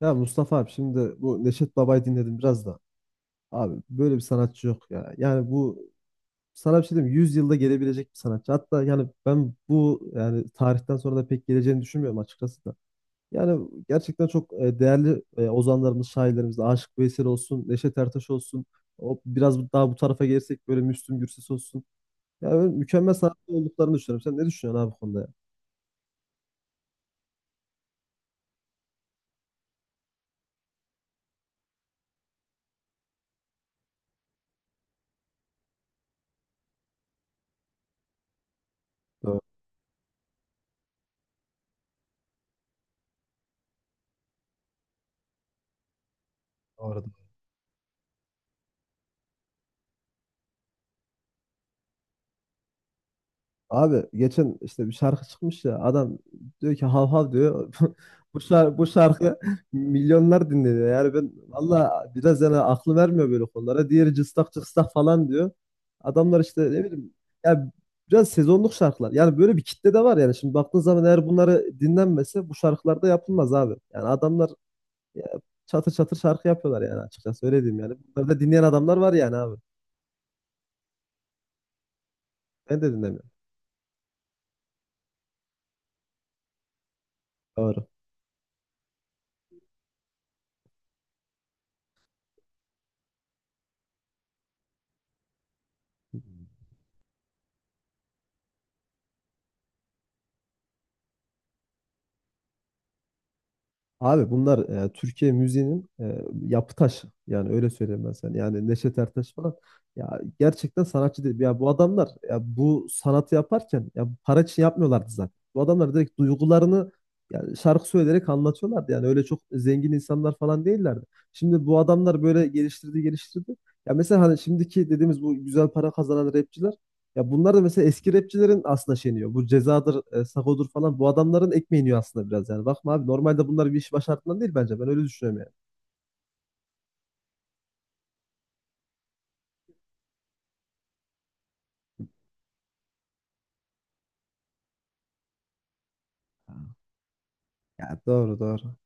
Ya Mustafa abi şimdi bu Neşet Baba'yı dinledim biraz da. Abi böyle bir sanatçı yok ya. Yani bu sana bir şey diyeyim mi? 100 yılda gelebilecek bir sanatçı. Hatta yani ben bu yani tarihten sonra da pek geleceğini düşünmüyorum açıkçası da. Yani gerçekten çok değerli ozanlarımız, şairlerimiz, Aşık Veysel olsun, Neşet Ertaş olsun. O biraz daha bu tarafa gelirsek böyle Müslüm Gürses olsun. Yani böyle mükemmel sanatçı olduklarını düşünüyorum. Sen ne düşünüyorsun abi bu konuda ya? Doğru. Doğru. Abi geçen işte bir şarkı çıkmış ya adam diyor ki hav hav diyor. Bu şarkı milyonlar dinleniyor. Yani ben valla biraz yani aklı vermiyor böyle konulara. Diğeri cıstak cıstak falan diyor. Adamlar işte ne bileyim ya biraz sezonluk şarkılar. Yani böyle bir kitle de var yani. Şimdi baktığın zaman eğer bunları dinlenmese bu şarkılar da yapılmaz abi. Yani adamlar ya, çatır çatır şarkı yapıyorlar yani açıkçası öyle diyeyim yani. Bunları da dinleyen adamlar var yani abi. Ben de dinlemiyorum. Doğru. Abi bunlar Türkiye müziğinin yapı taşı. Yani öyle söyleyeyim ben sana. Yani Neşet Ertaş falan. Ya gerçekten sanatçı değil. Ya bu adamlar ya bu sanatı yaparken ya para için yapmıyorlardı zaten. Bu adamlar direkt duygularını yani şarkı söyleyerek anlatıyorlardı. Yani öyle çok zengin insanlar falan değillerdi. Şimdi bu adamlar böyle geliştirdi geliştirdi. Ya mesela hani şimdiki dediğimiz bu güzel para kazanan rapçiler ya bunlar da mesela eski rapçilerin aslında şeyini yiyor. Bu cezadır, sagodur falan bu adamların ekmeğini yiyor aslında biraz yani. Bakma abi normalde bunlar bir iş başardığından değil bence. Ben öyle düşünüyorum yani. Ya doğru doğru.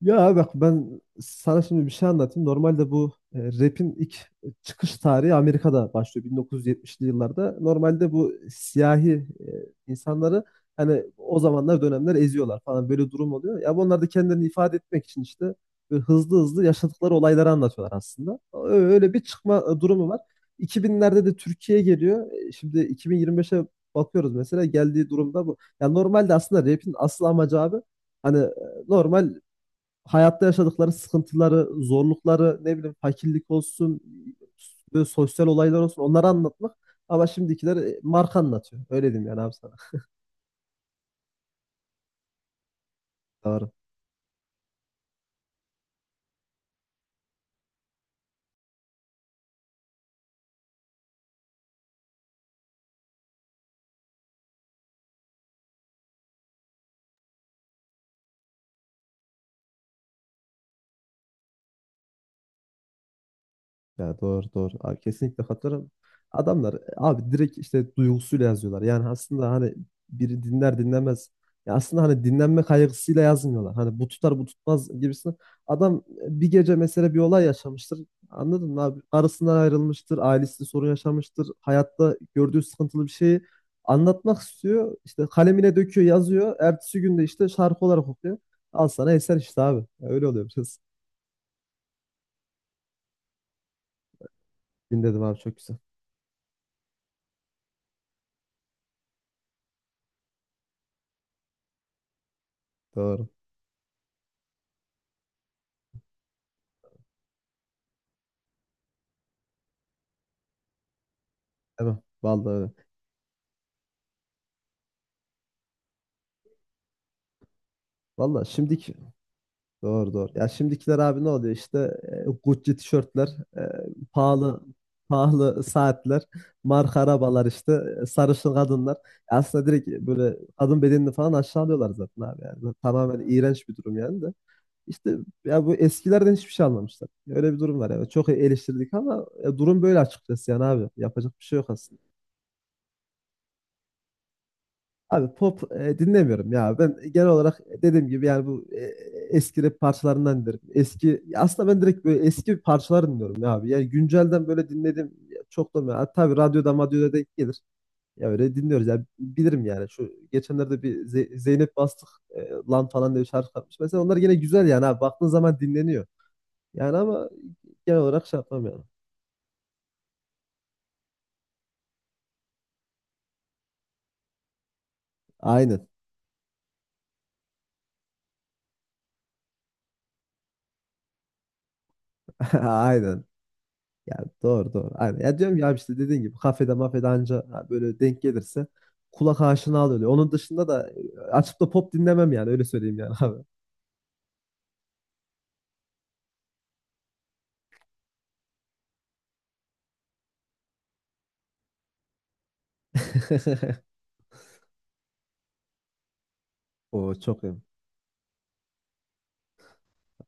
Ya bak ben sana şimdi bir şey anlatayım. Normalde bu rap'in ilk çıkış tarihi Amerika'da başlıyor 1970'li yıllarda. Normalde bu siyahi insanları hani o zamanlar dönemler eziyorlar falan böyle durum oluyor. Ya bunlar da kendilerini ifade etmek için işte böyle hızlı hızlı yaşadıkları olayları anlatıyorlar aslında. Öyle bir çıkma durumu var. 2000'lerde de Türkiye'ye geliyor. Şimdi 2025'e bakıyoruz mesela geldiği durumda bu. Ya normalde aslında rap'in asıl amacı abi hani normal hayatta yaşadıkları sıkıntıları, zorlukları, ne bileyim fakirlik olsun, böyle sosyal olaylar olsun onları anlatmak. Ama şimdikiler marka anlatıyor. Öyle diyeyim yani abi sana. Doğru. Ya doğru doğru. Abi kesinlikle katılırım. Adamlar abi direkt işte duygusuyla yazıyorlar. Yani aslında hani biri dinler dinlemez. Ya aslında hani dinlenme kaygısıyla yazmıyorlar. Hani bu tutar bu tutmaz gibisine. Adam bir gece mesela bir olay yaşamıştır. Anladın mı abi? Karısından ayrılmıştır, ailesinde sorun yaşamıştır. Hayatta gördüğü sıkıntılı bir şeyi anlatmak istiyor. İşte kalemine döküyor, yazıyor. Ertesi günde işte şarkı olarak okuyor. Al sana eser işte abi. Ya öyle oluyor biraz. Dinledim abi çok güzel. Doğru. Tamam. Vallahi öyle. Valla şimdiki doğru doğru. Ya şimdikiler abi ne oluyor işte Gucci tişörtler, e, pahalı pahalı saatler, marka arabalar işte, sarışın kadınlar. Aslında direkt böyle kadın bedenini falan aşağılıyorlar zaten abi yani. Böyle tamamen iğrenç bir durum yani de. İşte ya bu eskilerden hiçbir şey almamışlar. Öyle bir durum var yani. Çok eleştirdik ama durum böyle açıkçası yani abi. Yapacak bir şey yok aslında. Abi pop dinlemiyorum ya. Ben genel olarak dediğim gibi yani bu eski rap parçalarından dinlerim. Eski ya aslında ben direkt böyle eski parçalar dinliyorum ya abi. Yani güncelden böyle dinledim çok da ya. Tabii radyoda madyoda denk gelir. Ya öyle dinliyoruz ya. Bilirim yani. Şu geçenlerde bir Zeynep Bastık lan falan diye bir şarkı yapmış. Mesela onlar yine güzel yani abi. Baktığın zaman dinleniyor. Yani ama genel olarak şey yapmam yani. Aynen. Aynen. Ya doğru doğru. Aynen. Ya diyorum ya işte dediğin gibi kafede mafede anca ha, böyle denk gelirse kulak aşina oluyor. Onun dışında da açıp da pop dinlemem yani öyle söyleyeyim yani abi. O çok iyi.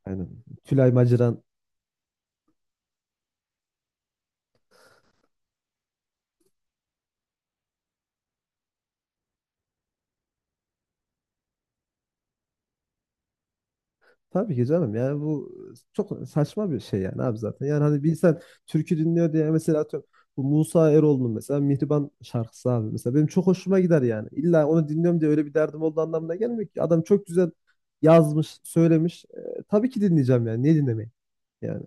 Aynen. Tülay Maciran. Tabii ki canım yani bu çok saçma bir şey yani abi zaten. Yani hani bir insan türkü dinliyor diye mesela atıyorum bu Musa Eroğlu'nun mesela Mihriban şarkısı abi mesela benim çok hoşuma gider yani. İlla onu dinliyorum diye öyle bir derdim olduğu anlamına gelmiyor ki. Adam çok güzel yazmış, söylemiş. Tabii ki dinleyeceğim yani. Niye dinlemeyeyim? Yani.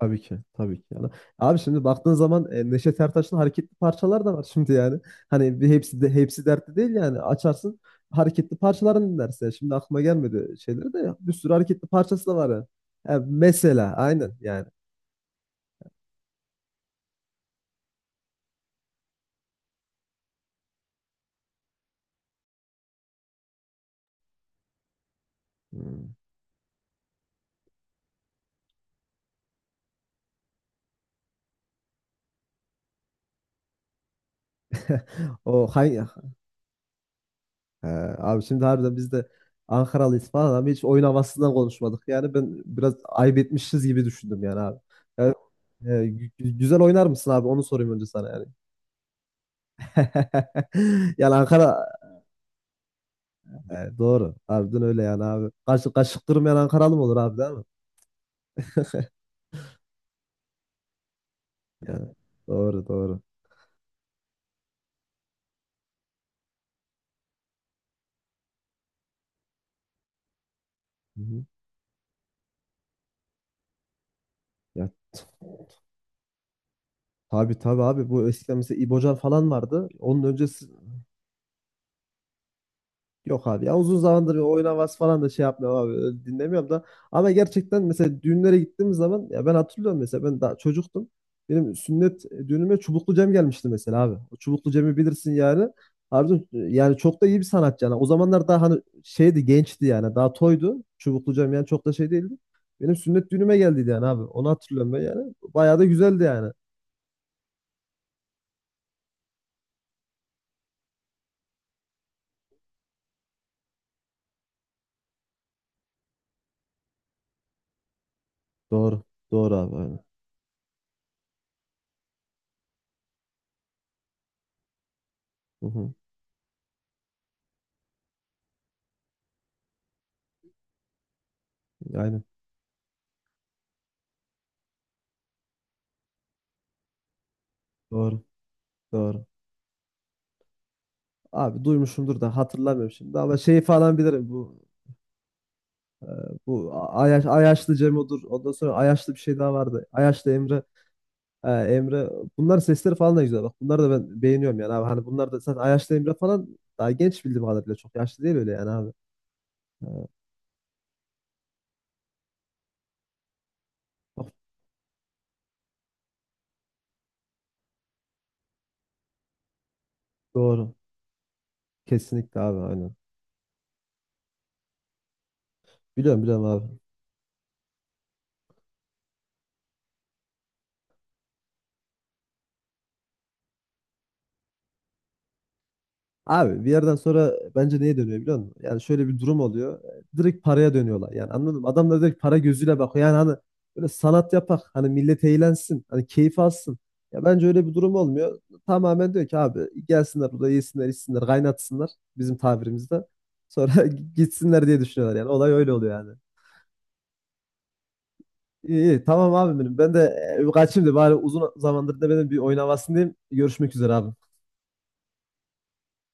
Tabii ki. Tabii ki. Yani. Abi şimdi baktığın zaman Neşet Ertaş'ın hareketli parçalar da var şimdi yani. Hani bir hepsi de hepsi dertli değil yani. Açarsın hareketli parçalarını dinlersin. Şimdi aklıma gelmedi şeyleri de bir sürü hareketli parçası da var yani. Ha, mesela aynen yani. Hmm. O hangi he, abi şimdi harbiden biz de Ankaralıyız falan ama hiç oyun havasından konuşmadık. Yani ben biraz ayıp etmişiz gibi düşündüm yani abi. Yani, güzel oynar mısın abi? Onu sorayım önce sana yani. Yani Ankara. Doğru. Harbiden öyle yani abi. Kaşık, kaşık kırmayan Ankaralı mı olur abi değil mi? Yani, doğru doğru. Hı hı. Ya, tabii tabii abi bu eskiden mesela İbocan falan vardı. Onun öncesi yok abi ya uzun zamandır bir oyun havası falan da şey yapmıyorum abi öyle dinlemiyorum da ama gerçekten mesela düğünlere gittiğimiz zaman ya ben hatırlıyorum mesela ben daha çocuktum benim sünnet düğünüme Çubuklu Cem gelmişti mesela abi o Çubuklu Cem'i bilirsin yani. Harbiden, yani çok da iyi bir sanatçı yani o zamanlar daha hani şeydi gençti yani daha toydu Çubuklu Cem yani çok da şey değildi benim sünnet düğünüme geldiydi yani abi onu hatırlıyorum ben yani bayağı da güzeldi yani doğru doğru abi aynen. Hı hı, aynen doğru doğru. Abi duymuşumdur da hatırlamıyorum şimdi ama şeyi falan bilirim bu bu Ayaş, Ayaşlı Cemo'dur ondan sonra Ayaşlı bir şey daha vardı Ayaşlı Emre Emre bunların sesleri falan da güzel bak bunları da ben beğeniyorum yani abi hani bunlar da zaten Ayaşlı Emre falan daha genç bildiğim kadarıyla çok yaşlı değil öyle yani abi. Bak, doğru kesinlikle abi aynen biliyorum biliyorum abi. Abi bir yerden sonra bence neye dönüyor biliyor musun? Yani şöyle bir durum oluyor. Direkt paraya dönüyorlar. Yani anladın mı? Adam da direkt para gözüyle bakıyor. Yani hani böyle sanat yapak. Hani millet eğlensin. Hani keyif alsın. Ya bence öyle bir durum olmuyor. Tamamen diyor ki abi gelsinler burada yesinler içsinler kaynatsınlar bizim tabirimizde. Sonra gitsinler diye düşünüyorlar yani. Olay öyle oluyor yani. İyi, iyi. Tamam abi benim. Ben de kaçayım da bari uzun zamandır da benim bir oyun havasındayım. Görüşmek üzere abi.